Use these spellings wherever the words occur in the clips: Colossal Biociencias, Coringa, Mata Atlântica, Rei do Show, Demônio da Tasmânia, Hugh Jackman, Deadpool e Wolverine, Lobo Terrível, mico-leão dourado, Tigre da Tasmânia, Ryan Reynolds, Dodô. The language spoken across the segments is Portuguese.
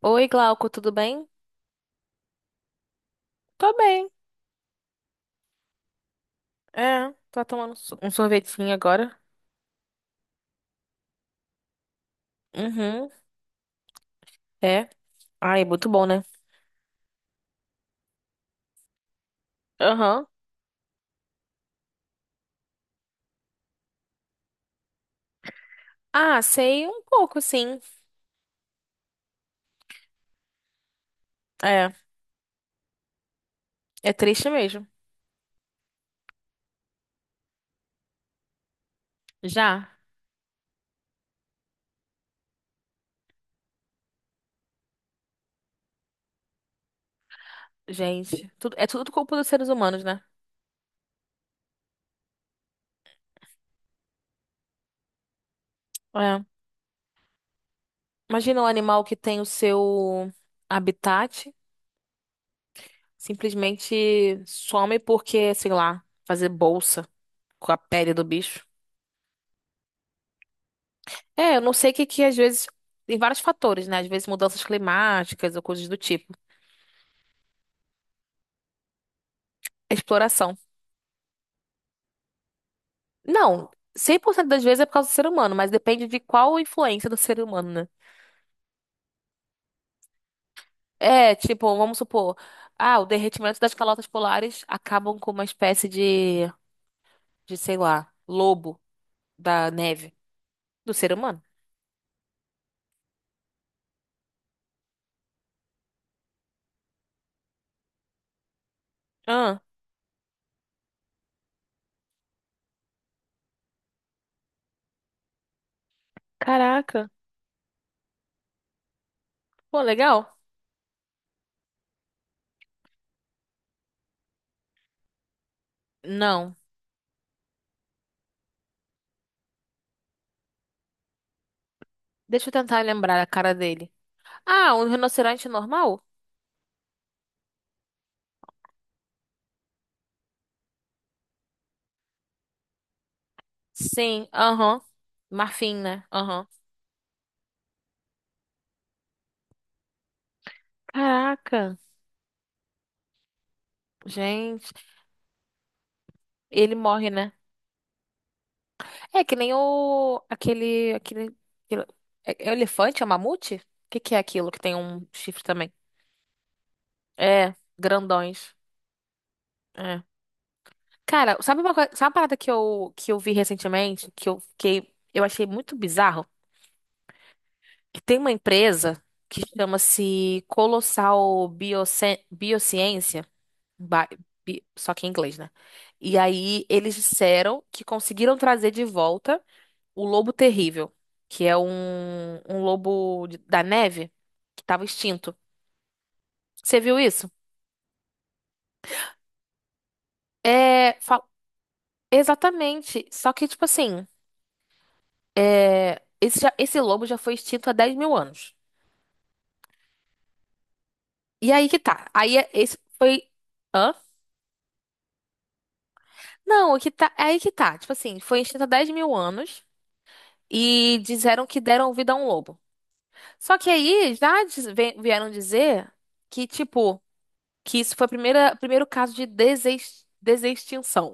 Oi, Glauco, tudo bem? Tô bem. É, tô tomando um sorvetinho agora. Uhum, é. Ai, é muito bom, né? Aham. Ah, sei um pouco, sim. É, é triste mesmo. Já, gente. Tudo, é tudo culpa dos seres humanos, né? É. Imagina um animal que tem o seu habitat, simplesmente some porque, sei lá, fazer bolsa com a pele do bicho. É, eu não sei o que que às vezes. Tem vários fatores, né? Às vezes mudanças climáticas ou coisas do tipo. A exploração. Não, 100% das vezes é por causa do ser humano, mas depende de qual influência do ser humano, né? É, tipo, vamos supor, ah, o derretimento das calotas polares acabam com uma espécie de, sei lá, lobo da neve do ser humano. Ah, caraca. Pô, legal? Não. Deixa eu tentar lembrar a cara dele. Ah, um rinoceronte normal? Sim, aham. Marfim, né? Aham. Caraca. Gente, ele morre, né? É que nem o aquele, aquele- é, é elefante, é um mamute? O que que é aquilo que tem um chifre também? É, grandões. É. Cara, sabe uma coisa, sabe uma parada que eu vi recentemente, que eu fiquei, eu achei muito bizarro, que tem uma empresa que chama-se Biociência, ba- só que em inglês, né? E aí eles disseram que conseguiram trazer de volta o Lobo Terrível, que é um lobo da neve que tava extinto. Você viu isso? É, exatamente. Só que, tipo assim, é, esse, esse lobo já foi extinto há 10 mil anos. E aí que tá. Esse foi. Hã? Não, o que tá, é aí que tá. Tipo assim, foi extinto há 10 mil anos e disseram que deram vida a um lobo. Só que aí vieram dizer que, tipo, que isso foi o primeiro caso de desextinção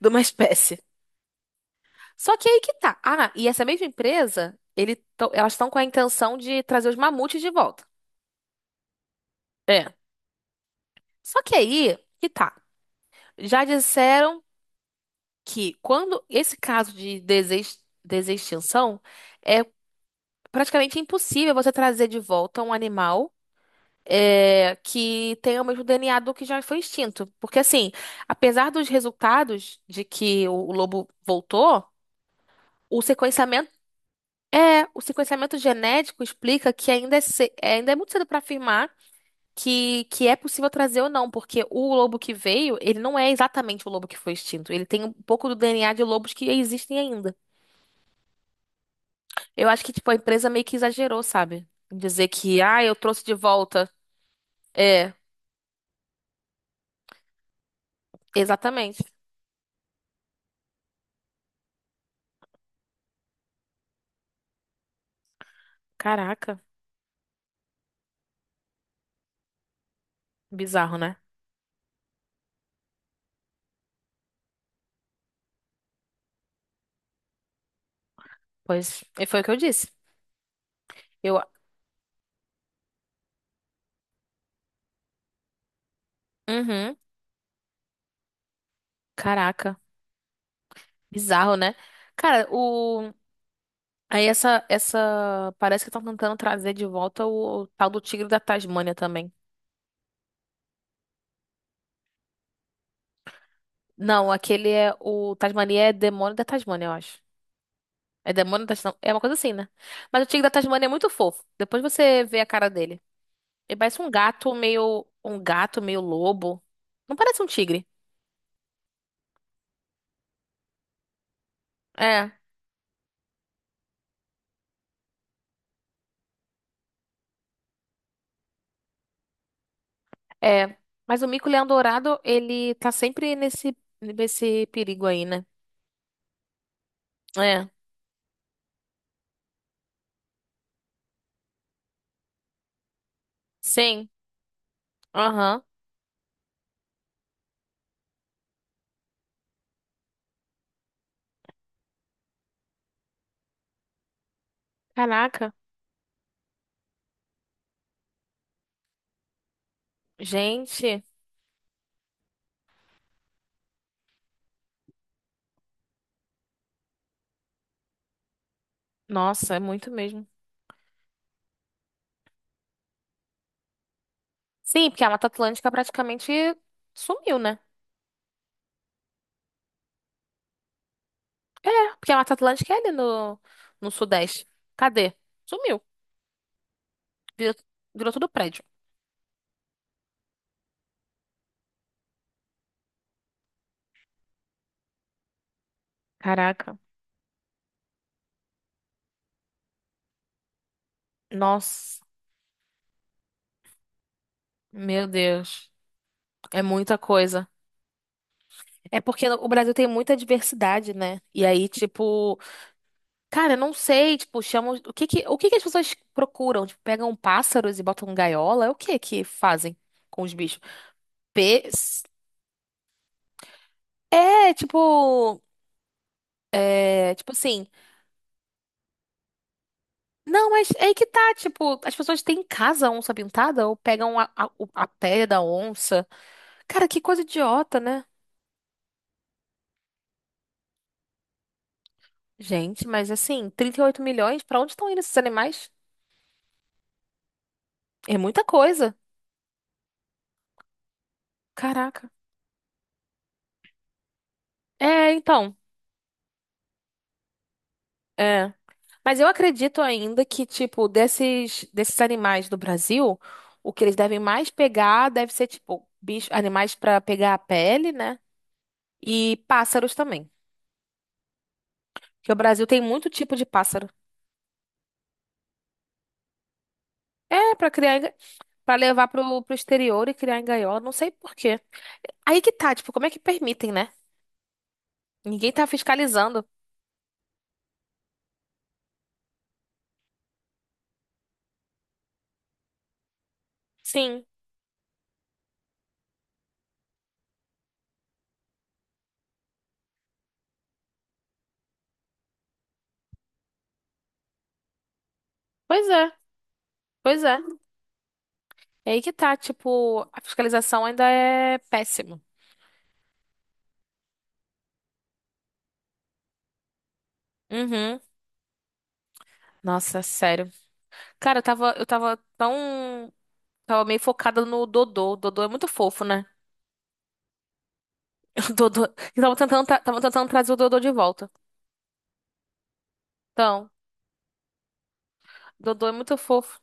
de uma espécie. Só que aí que tá. Ah, e essa mesma empresa, elas estão com a intenção de trazer os mamutes de volta. É. Só que aí que tá. Já disseram que quando esse caso de desextinção é praticamente impossível você trazer de volta um animal é, que tenha o mesmo DNA do que já foi extinto. Porque assim, apesar dos resultados de que o lobo voltou, o sequenciamento. É, o sequenciamento genético explica que ainda é, é, ainda é muito cedo para afirmar que é possível trazer ou não, porque o lobo que veio, ele não é exatamente o lobo que foi extinto. Ele tem um pouco do DNA de lobos que existem ainda. Eu acho que, tipo, a empresa meio que exagerou, sabe? Em dizer que, ah, eu trouxe de volta. É, exatamente. Caraca, bizarro, né? Pois, e foi o que eu disse. Eu, uhum, caraca, bizarro, né? Cara, o. Aí essa, essa. Parece que estão tentando trazer de volta o tal do Tigre da Tasmânia também. Não, aquele é. O Tasmania é Demônio da Tasmânia, eu acho. É Demônio da Tasmânia. É uma coisa assim, né? Mas o Tigre da Tasmânia é muito fofo. Depois você vê a cara dele. Ele parece um gato meio. Um gato meio lobo. Não parece um tigre. É, é. Mas o mico-leão dourado, ele tá sempre nesse perigo aí, né? É. Sim. Aham. Caraca. Gente. Nossa, é muito mesmo. Sim, porque a Mata Atlântica praticamente sumiu, né? É, porque a Mata Atlântica é ali no Sudeste. Cadê? Sumiu. Virou, virou tudo prédio. Caraca. Nossa. Meu Deus. É muita coisa. É porque o Brasil tem muita diversidade, né? E aí, tipo, cara, eu não sei, tipo, chamam. O que que as pessoas procuram? Tipo, pegam pássaros e botam gaiola? É o que que fazem com os bichos? Pe... É, tipo. É, tipo assim. Não, mas é aí que tá, tipo, as pessoas têm em casa a onça pintada ou pegam a pele da onça. Cara, que coisa idiota, né? Gente, mas assim, 38 milhões, pra onde estão indo esses animais? É muita coisa. Caraca. É, então, é. Mas eu acredito ainda que, tipo, desses animais do Brasil, o que eles devem mais pegar deve ser, tipo, bicho, animais pra pegar a pele, né? E pássaros também. Porque o Brasil tem muito tipo de pássaro. É, pra criar. Pra levar pro exterior e criar em gaiola, não sei por quê. Aí que tá, tipo, como é que permitem, né? Ninguém tá fiscalizando. Sim, pois é, pois é. É aí que tá, tipo, a fiscalização ainda é péssima. Uhum. Nossa, sério. Cara, eu tava tão. Tava meio focada no Dodô. O Dodô é muito fofo, né? O Dodô. Eu tava tentando, tava tentando trazer o Dodô de volta. Então, o Dodô é muito fofo.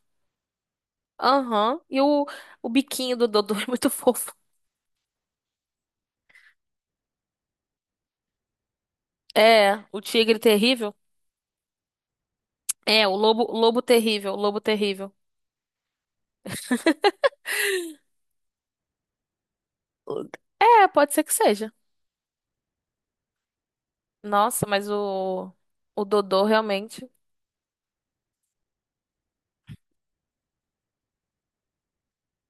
Aham. E o biquinho do Dodô é muito fofo. É, o tigre terrível. É, o lobo, o lobo terrível. O- é, pode ser que seja. Nossa, mas o Dodô realmente.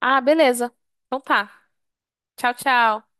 Ah, beleza. Então tá. Tchau, tchau.